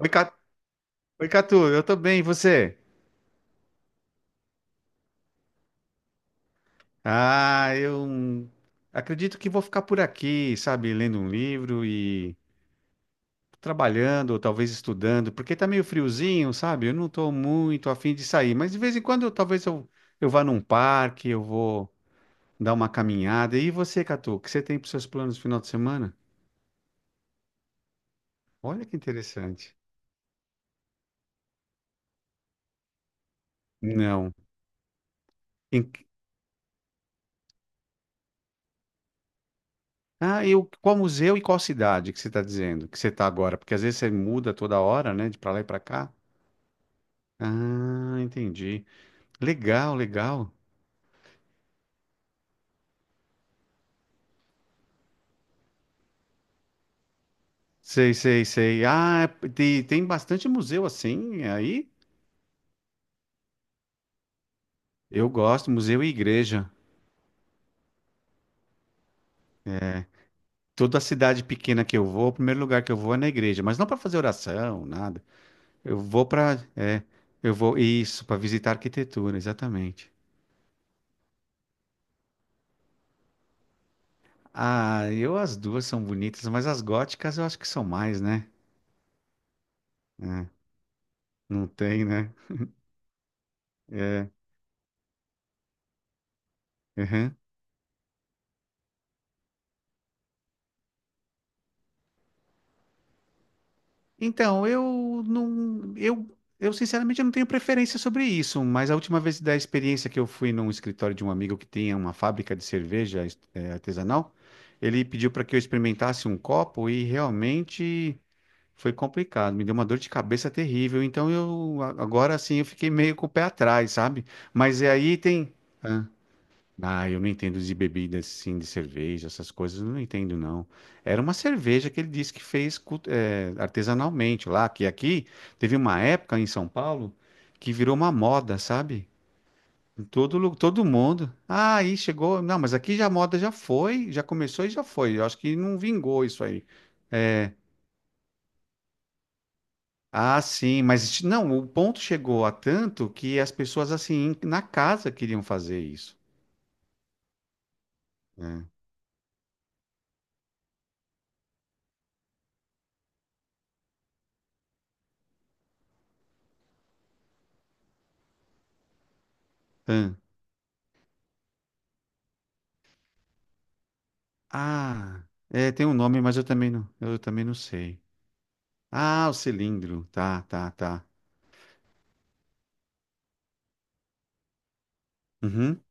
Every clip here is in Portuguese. Oi, Oi, Catu, eu tô bem, e você? Ah, eu acredito que vou ficar por aqui, sabe, lendo um livro e trabalhando, ou talvez estudando, porque tá meio friozinho, sabe? Eu não tô muito afim de sair, mas de vez em quando talvez eu vá num parque, eu vou dar uma caminhada. E você, Catu, o que você tem para seus planos no final de semana? Olha que interessante. Não. Em- Ah, e qual museu e qual cidade que você está dizendo que você está agora? Porque às vezes você muda toda hora, né, de pra lá e pra cá. Ah, entendi. Legal, legal. Sei, sei, sei. Ah, é, tem bastante museu assim aí. Eu gosto, museu e igreja. Toda cidade pequena que eu vou, o primeiro lugar que eu vou é na igreja, mas não para fazer oração, nada. Eu vou para, é, eu vou isso, para visitar arquitetura, exatamente. Ah, eu as duas são bonitas, mas as góticas eu acho que são mais, né? É, não tem, né? É. Então, eu não, eu sinceramente eu não tenho preferência sobre isso, mas a última vez da experiência que eu fui num escritório de um amigo que tinha uma fábrica de cerveja artesanal, ele pediu para que eu experimentasse um copo e realmente foi complicado, me deu uma dor de cabeça terrível. Então agora assim eu fiquei meio com o pé atrás, sabe? Mas é aí tem, ah, eu não entendo de bebidas, assim de cerveja, essas coisas, eu não entendo, não. Era uma cerveja que ele disse que fez artesanalmente lá, que aqui teve uma época em São Paulo que virou uma moda, sabe? Em todo mundo. Ah, aí chegou. Não, mas aqui já a moda já foi, já começou e já foi. Eu acho que não vingou isso aí. É, ah, sim, mas não, o ponto chegou a tanto que as pessoas, assim, na casa queriam fazer isso, né? Ah, é, tem um nome, mas eu também não sei. Ah, o cilindro. Tá, tá, tá. Uhum.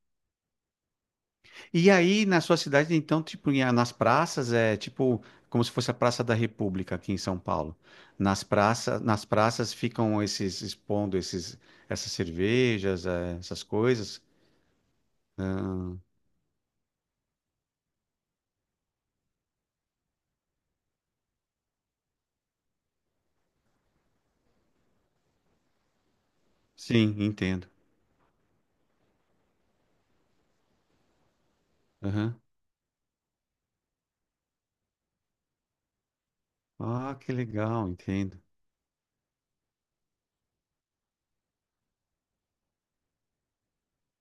E aí, na sua cidade, então, tipo, em- ah, nas praças, é tipo como se fosse a Praça da República aqui em São Paulo. Nas praças ficam esses expondo esses, essas cervejas, eh, essas coisas. Ah, sim, entendo. Uhum. Ah, que legal, entendo.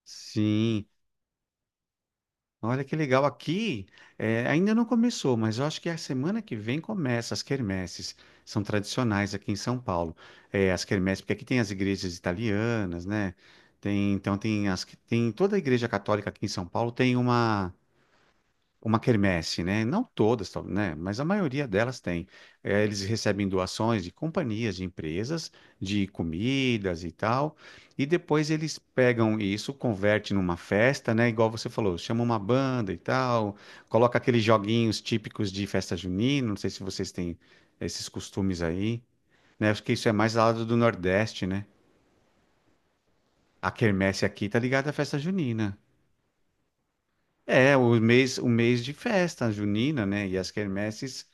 Sim. Olha que legal. Aqui, eh, ainda não começou, mas eu acho que a semana que vem começa as quermesses. São tradicionais aqui em São Paulo. Eh, as quermesses, porque aqui tem as igrejas italianas, né? Tem, então tem tem toda a igreja católica aqui em São Paulo tem uma quermesse, né? Não todas, né? Mas a maioria delas tem. Eh, eles recebem doações de companhias, de empresas, de comidas e tal, e depois eles pegam isso, converte numa festa, né? Igual você falou, chama uma banda e tal, coloca aqueles joguinhos típicos de festa junina. Não sei se vocês têm esses costumes aí, né? Acho que isso é mais lá do Nordeste, né? A quermesse aqui tá ligada à festa junina. É, o mês de festa junina, né? E as quermesses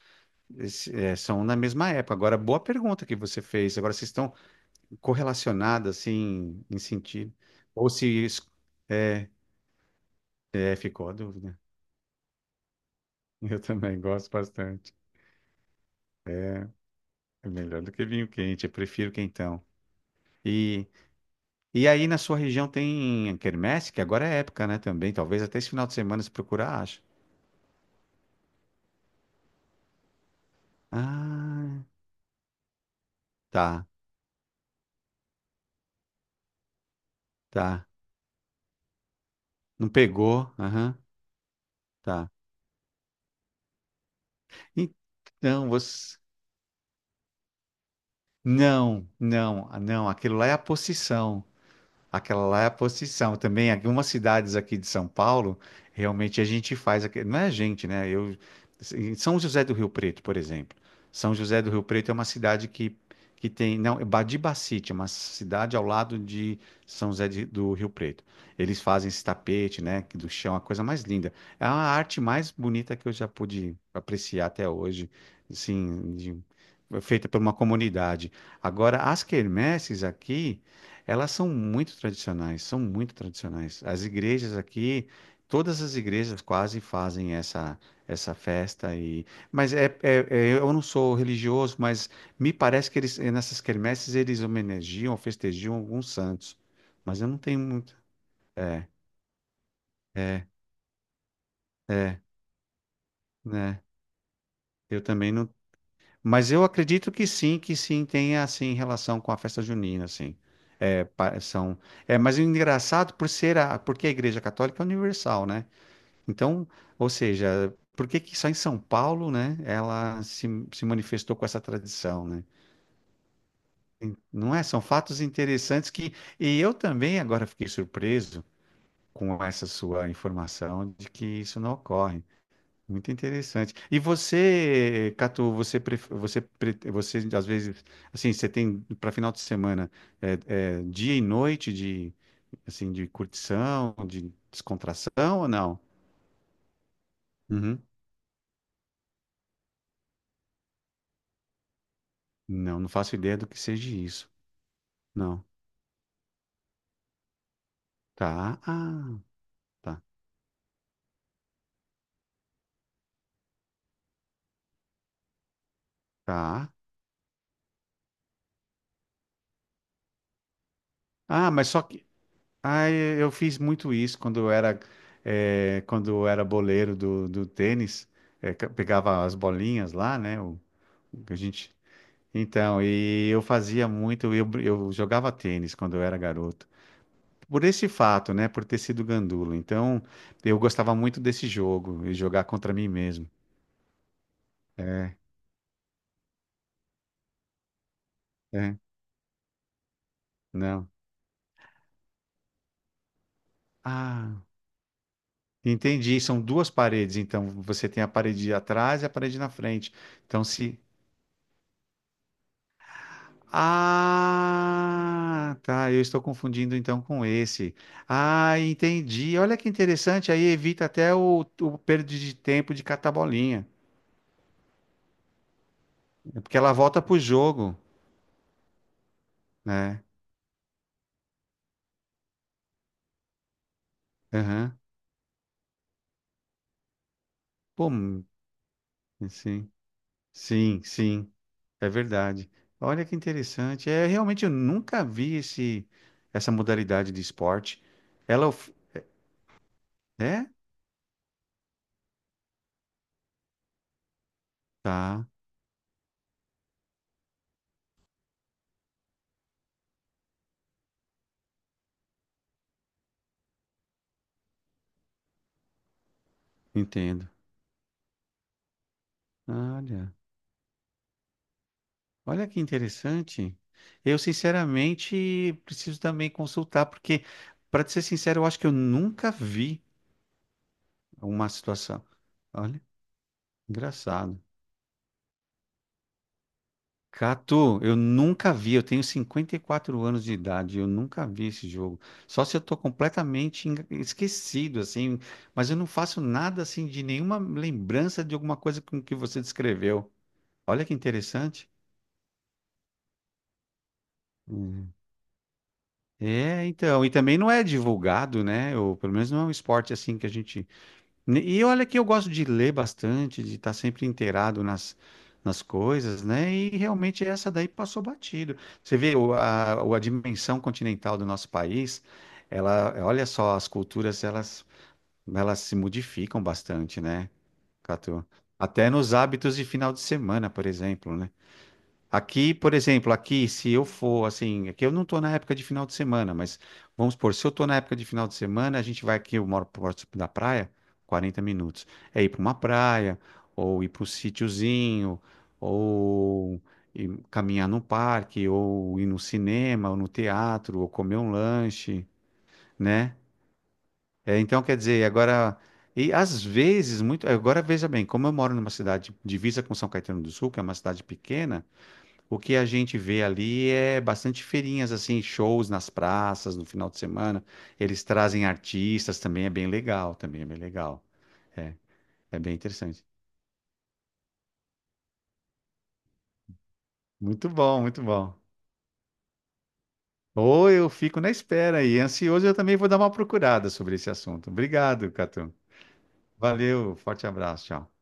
É, são na mesma época. Agora, boa pergunta que você fez. Agora, vocês estão correlacionadas, assim, em sentido. Ou se isso. É, é, ficou a dúvida. Eu também gosto bastante. É, é melhor do que vinho quente. Eu prefiro quentão. E, e aí, na sua região tem quermesse, que agora é época, né? Também. Talvez até esse final de semana, se procurar, acha. Ah, tá, tá. Não pegou? Aham, tá. Então, você. Não, não, ah, não. Aquilo lá é a posição. Aquela lá é a posição. Também, algumas cidades aqui de São Paulo, realmente a gente faz. Não é a gente, né? Eu, em São José do Rio Preto, por exemplo. São José do Rio Preto é uma cidade que tem. Não, é Badibacite, é uma cidade ao lado de do Rio Preto. Eles fazem esse tapete, né? que Do chão, a coisa mais linda. É a arte mais bonita que eu já pude apreciar até hoje, assim, feita por uma comunidade. Agora, as quermesses aqui. Elas são muito tradicionais, são muito tradicionais. As igrejas aqui, todas as igrejas quase fazem essa festa e, mas é, eu não sou religioso, mas me parece que eles nessas quermesses eles homenageiam, festejam alguns santos. Mas eu não tenho muito. É, é, é, né? Eu também não. Mas eu acredito que sim tenha assim relação com a festa junina, assim. É, são. É, mas o engraçado por ser a, porque a Igreja Católica é universal, né? Então, ou seja, por que que só em São Paulo, né, ela se, se manifestou com essa tradição, né? Não é? São fatos interessantes que... E eu também agora fiquei surpreso com essa sua informação de que isso não ocorre. Muito interessante. E você, Catu, você às vezes, assim, você tem para final de semana é dia e noite de, assim, de curtição, de descontração ou não? Uhum. Não, não faço ideia do que seja isso. Não. Tá. Ah, tá. Tá. Ah, mas só que. Ah, eu fiz muito isso quando eu era, eh, quando eu era boleiro do tênis. Eh, pegava as bolinhas lá, né? O que a gente... Então, e eu fazia muito. Eu, eu jogava tênis quando eu era garoto. Por esse fato, né? Por ter sido gandula. Então, eu gostava muito desse jogo e jogar contra mim mesmo. É, é. Não. Ah. Entendi. São duas paredes, então você tem a parede de atrás e a parede na frente. Então se Ah, tá, eu estou confundindo então com esse. Ah, entendi. Olha que interessante, aí evita até o perda de tempo de catar bolinha. É porque ela volta pro jogo, né? Aham. Pô, sim. Sim, sim, é verdade. Olha que interessante. É, realmente eu nunca vi esse essa modalidade de esporte. Ela of- é? Tá. Entendo. Olha, olha que interessante. Eu, sinceramente, preciso também consultar, porque, para ser sincero, eu acho que eu nunca vi uma situação. Olha, engraçado. Catu, eu nunca vi. Eu tenho 54 anos de idade, eu nunca vi esse jogo. Só se eu tô completamente esquecido, assim, mas eu não faço nada, assim, de nenhuma lembrança de alguma coisa com que você descreveu. Olha que interessante. É, então, e também não é divulgado, né? Ou pelo menos não é um esporte assim que a gente. E olha que eu gosto de ler bastante, de estar sempre inteirado nas coisas, né? E realmente essa daí passou batido. Você vê a dimensão continental do nosso país, ela, olha só, elas se modificam bastante, né, Catu? Até nos hábitos de final de semana, por exemplo, né? Aqui, por exemplo, aqui, se eu for assim, aqui eu não estou na época de final de semana, mas vamos supor, se eu estou na época de final de semana, a gente vai aqui, eu moro próximo da praia, 40 minutos. É ir para uma praia, ou ir para um sítiozinho, ou ir caminhar no parque, ou ir no cinema, ou no teatro, ou comer um lanche, né? É, então, quer dizer, agora. E às vezes, muito. Agora, veja bem, como eu moro numa cidade divisa com São Caetano do Sul, que é uma cidade pequena. O que a gente vê ali é bastante feirinhas, assim, shows nas praças no final de semana. Eles trazem artistas também, é bem legal, também é bem legal. É, é bem interessante. Muito bom, muito bom. Ou eu fico na espera e ansioso, eu também vou dar uma procurada sobre esse assunto. Obrigado, Catu. Valeu, forte abraço, tchau.